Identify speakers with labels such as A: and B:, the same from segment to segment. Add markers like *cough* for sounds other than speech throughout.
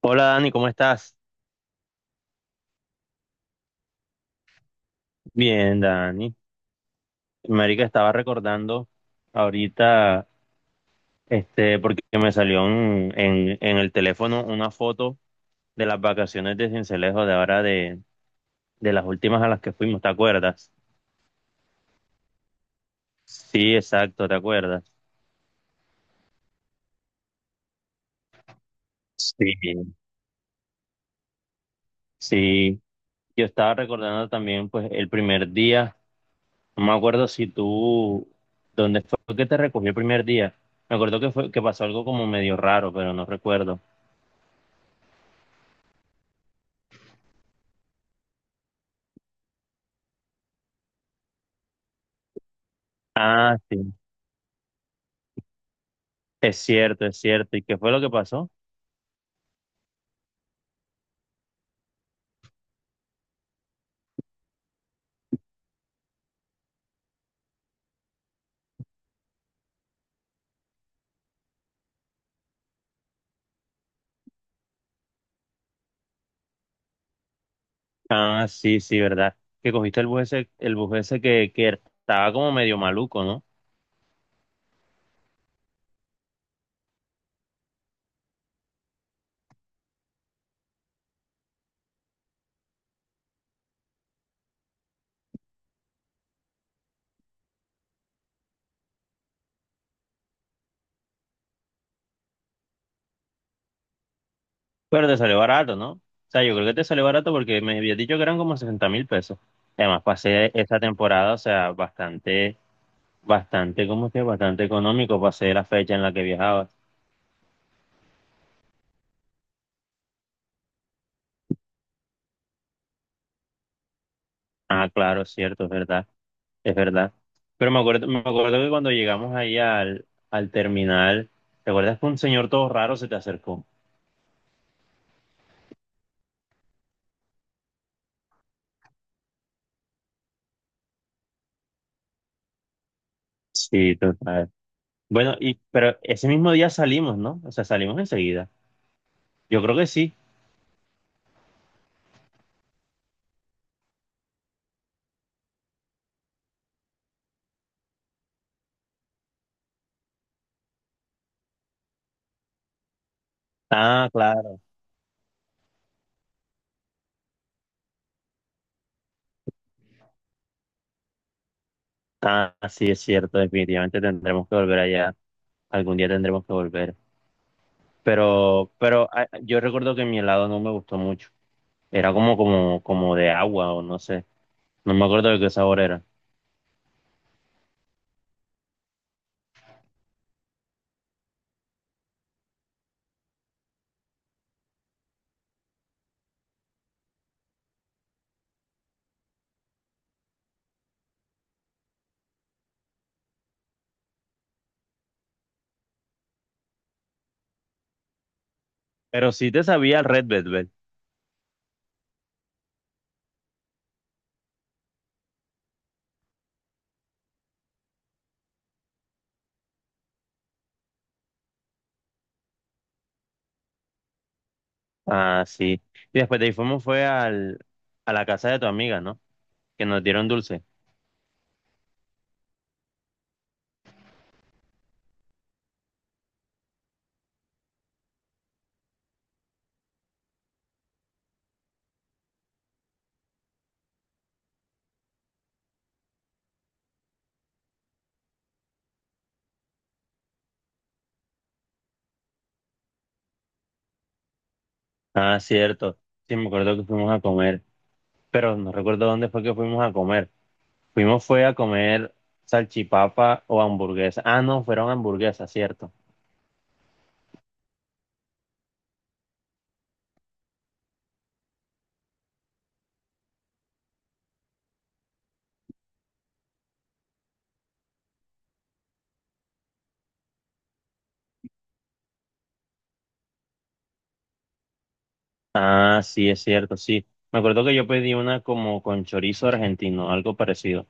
A: Hola Dani, ¿cómo estás? Bien, Dani. Marica, estaba recordando ahorita, porque me salió en el teléfono una foto de las vacaciones de Sincelejo de ahora de las últimas a las que fuimos, ¿te acuerdas? Sí, exacto, ¿te acuerdas? Sí. Sí, yo estaba recordando también, pues, el primer día, no me acuerdo si tú, ¿dónde fue que te recogió el primer día? Me acuerdo que fue, que pasó algo como medio raro, pero no recuerdo. Ah, sí. Es cierto, es cierto. ¿Y qué fue lo que pasó? Ah, sí, sí, verdad. Que cogiste el bus ese que estaba como medio maluco, ¿no? Pero te salió barato, ¿no? O sea, yo creo que te salió barato porque me habías dicho que eran como 60.000 pesos. Además, pasé esta temporada, o sea, ¿cómo es que? Bastante económico. Pasé la fecha en la que viajabas. Ah, claro, es cierto, es verdad, es verdad. Pero me acuerdo que cuando llegamos ahí al terminal, ¿te acuerdas que un señor todo raro se te acercó? Sí, total. Bueno, y pero ese mismo día salimos, ¿no? O sea, salimos enseguida. Yo creo que sí. Ah, claro. Ah, sí, es cierto. Definitivamente tendremos que volver allá. Algún día tendremos que volver. Pero, pero yo recuerdo que mi helado no me gustó mucho. Era como de agua o no sé. No me acuerdo de qué sabor era. Pero sí te sabía el Red Velvet. Ah, sí. Y después de ahí fuimos fue a la casa de tu amiga, ¿no? Que nos dieron dulce. Ah, cierto. Sí, me acuerdo que fuimos a comer. Pero no recuerdo dónde fue que fuimos a comer. Fuimos fue a comer salchipapa o hamburguesa. Ah, no, fueron hamburguesas, ¿cierto? Ah, sí, es cierto, sí. Me acuerdo que yo pedí una como con chorizo argentino, algo parecido.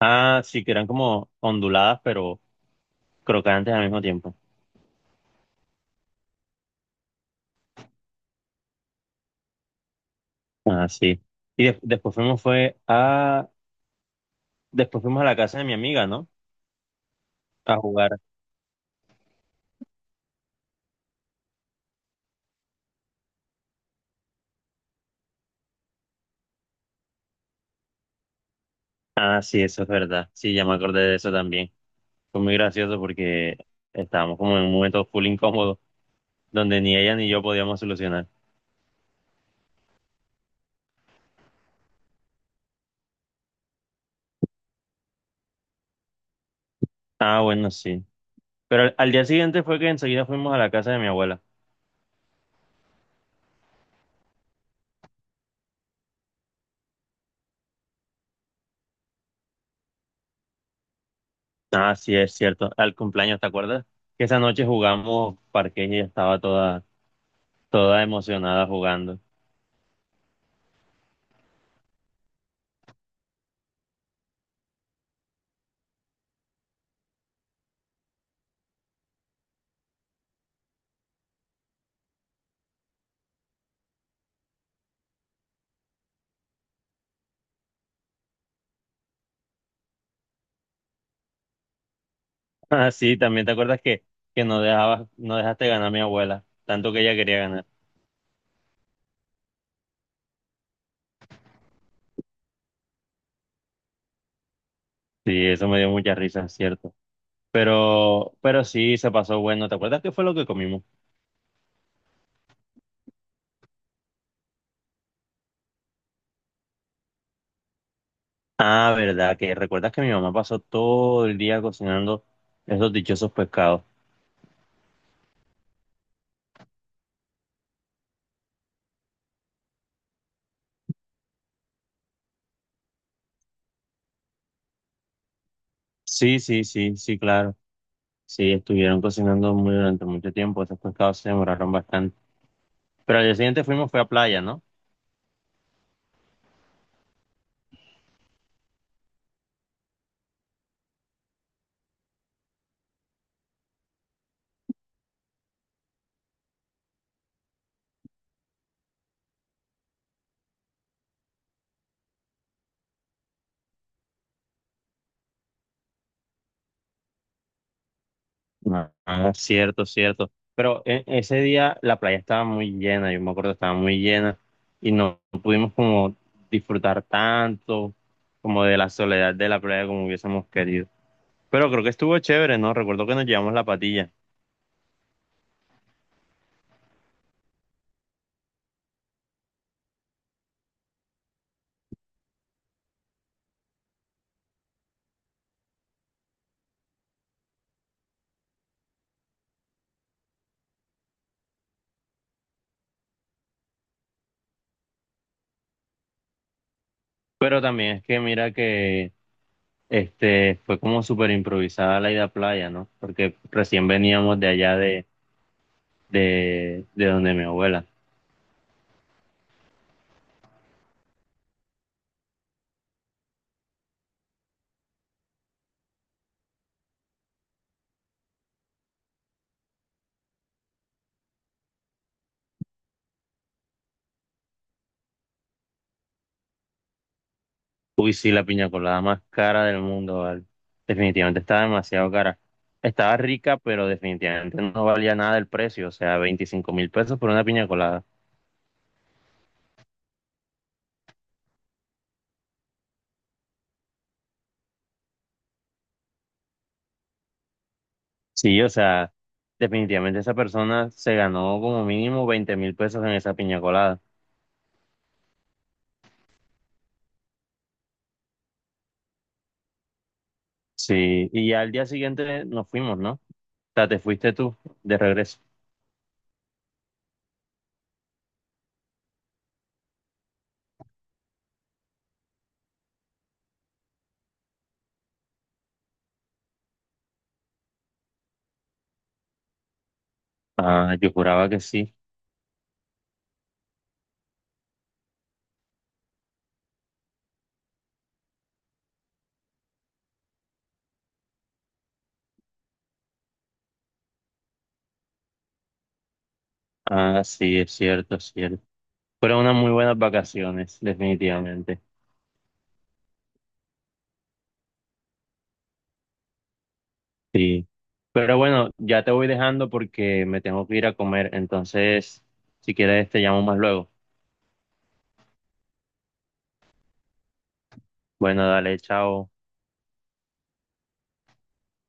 A: Ah, sí, que eran como onduladas, pero crocantes al mismo tiempo. Ah, sí. Y después fuimos fue a... Después fuimos a la casa de mi amiga, ¿no? A jugar. Ah, sí, eso es verdad. Sí, ya me acordé de eso también. Fue muy gracioso porque estábamos como en un momento full incómodo donde ni ella ni yo podíamos solucionar. Ah, bueno, sí. Pero al día siguiente fue que enseguida fuimos a la casa de mi abuela. Ah, sí, es cierto. Al cumpleaños, ¿te acuerdas? Que esa noche jugamos parqués y ella estaba toda emocionada jugando. *laughs* Ah, sí, también te acuerdas que no dejabas, no dejaste ganar a mi abuela, tanto que ella quería ganar. Sí, eso me dio mucha risa, es cierto. Pero sí, se pasó bueno. ¿Te acuerdas qué fue lo que comimos? Ah, verdad, que recuerdas que mi mamá pasó todo el día cocinando esos dichosos pescados. Sí, sí, sí, sí, claro. Sí, estuvieron cocinando muy durante mucho tiempo, esos pescados se demoraron bastante. Pero al día siguiente fuimos, fue a playa, ¿no? Ah, cierto, cierto. Pero ese día la playa estaba muy llena, yo me acuerdo, estaba muy llena y no pudimos como disfrutar tanto como de la soledad de la playa como hubiésemos querido. Pero creo que estuvo chévere, ¿no? Recuerdo que nos llevamos la patilla. Pero también es que mira que fue como súper improvisada la ida a playa, ¿no? Porque recién veníamos de allá de donde mi abuela. Uy, sí, la piña colada más cara del mundo, ¿vale? Definitivamente estaba demasiado cara. Estaba rica, pero definitivamente no valía nada el precio, o sea, 25.000 pesos por una piña colada. Sí, o sea, definitivamente esa persona se ganó como mínimo 20.000 pesos en esa piña colada. Sí, y ya al día siguiente nos fuimos, ¿no? O sea, te fuiste tú de regreso. Ah, yo juraba que sí. Ah, sí, es cierto, es cierto. Fueron unas muy buenas vacaciones, definitivamente. Sí, pero bueno, ya te voy dejando porque me tengo que ir a comer, entonces, si quieres, te llamo más luego. Bueno, dale, chao.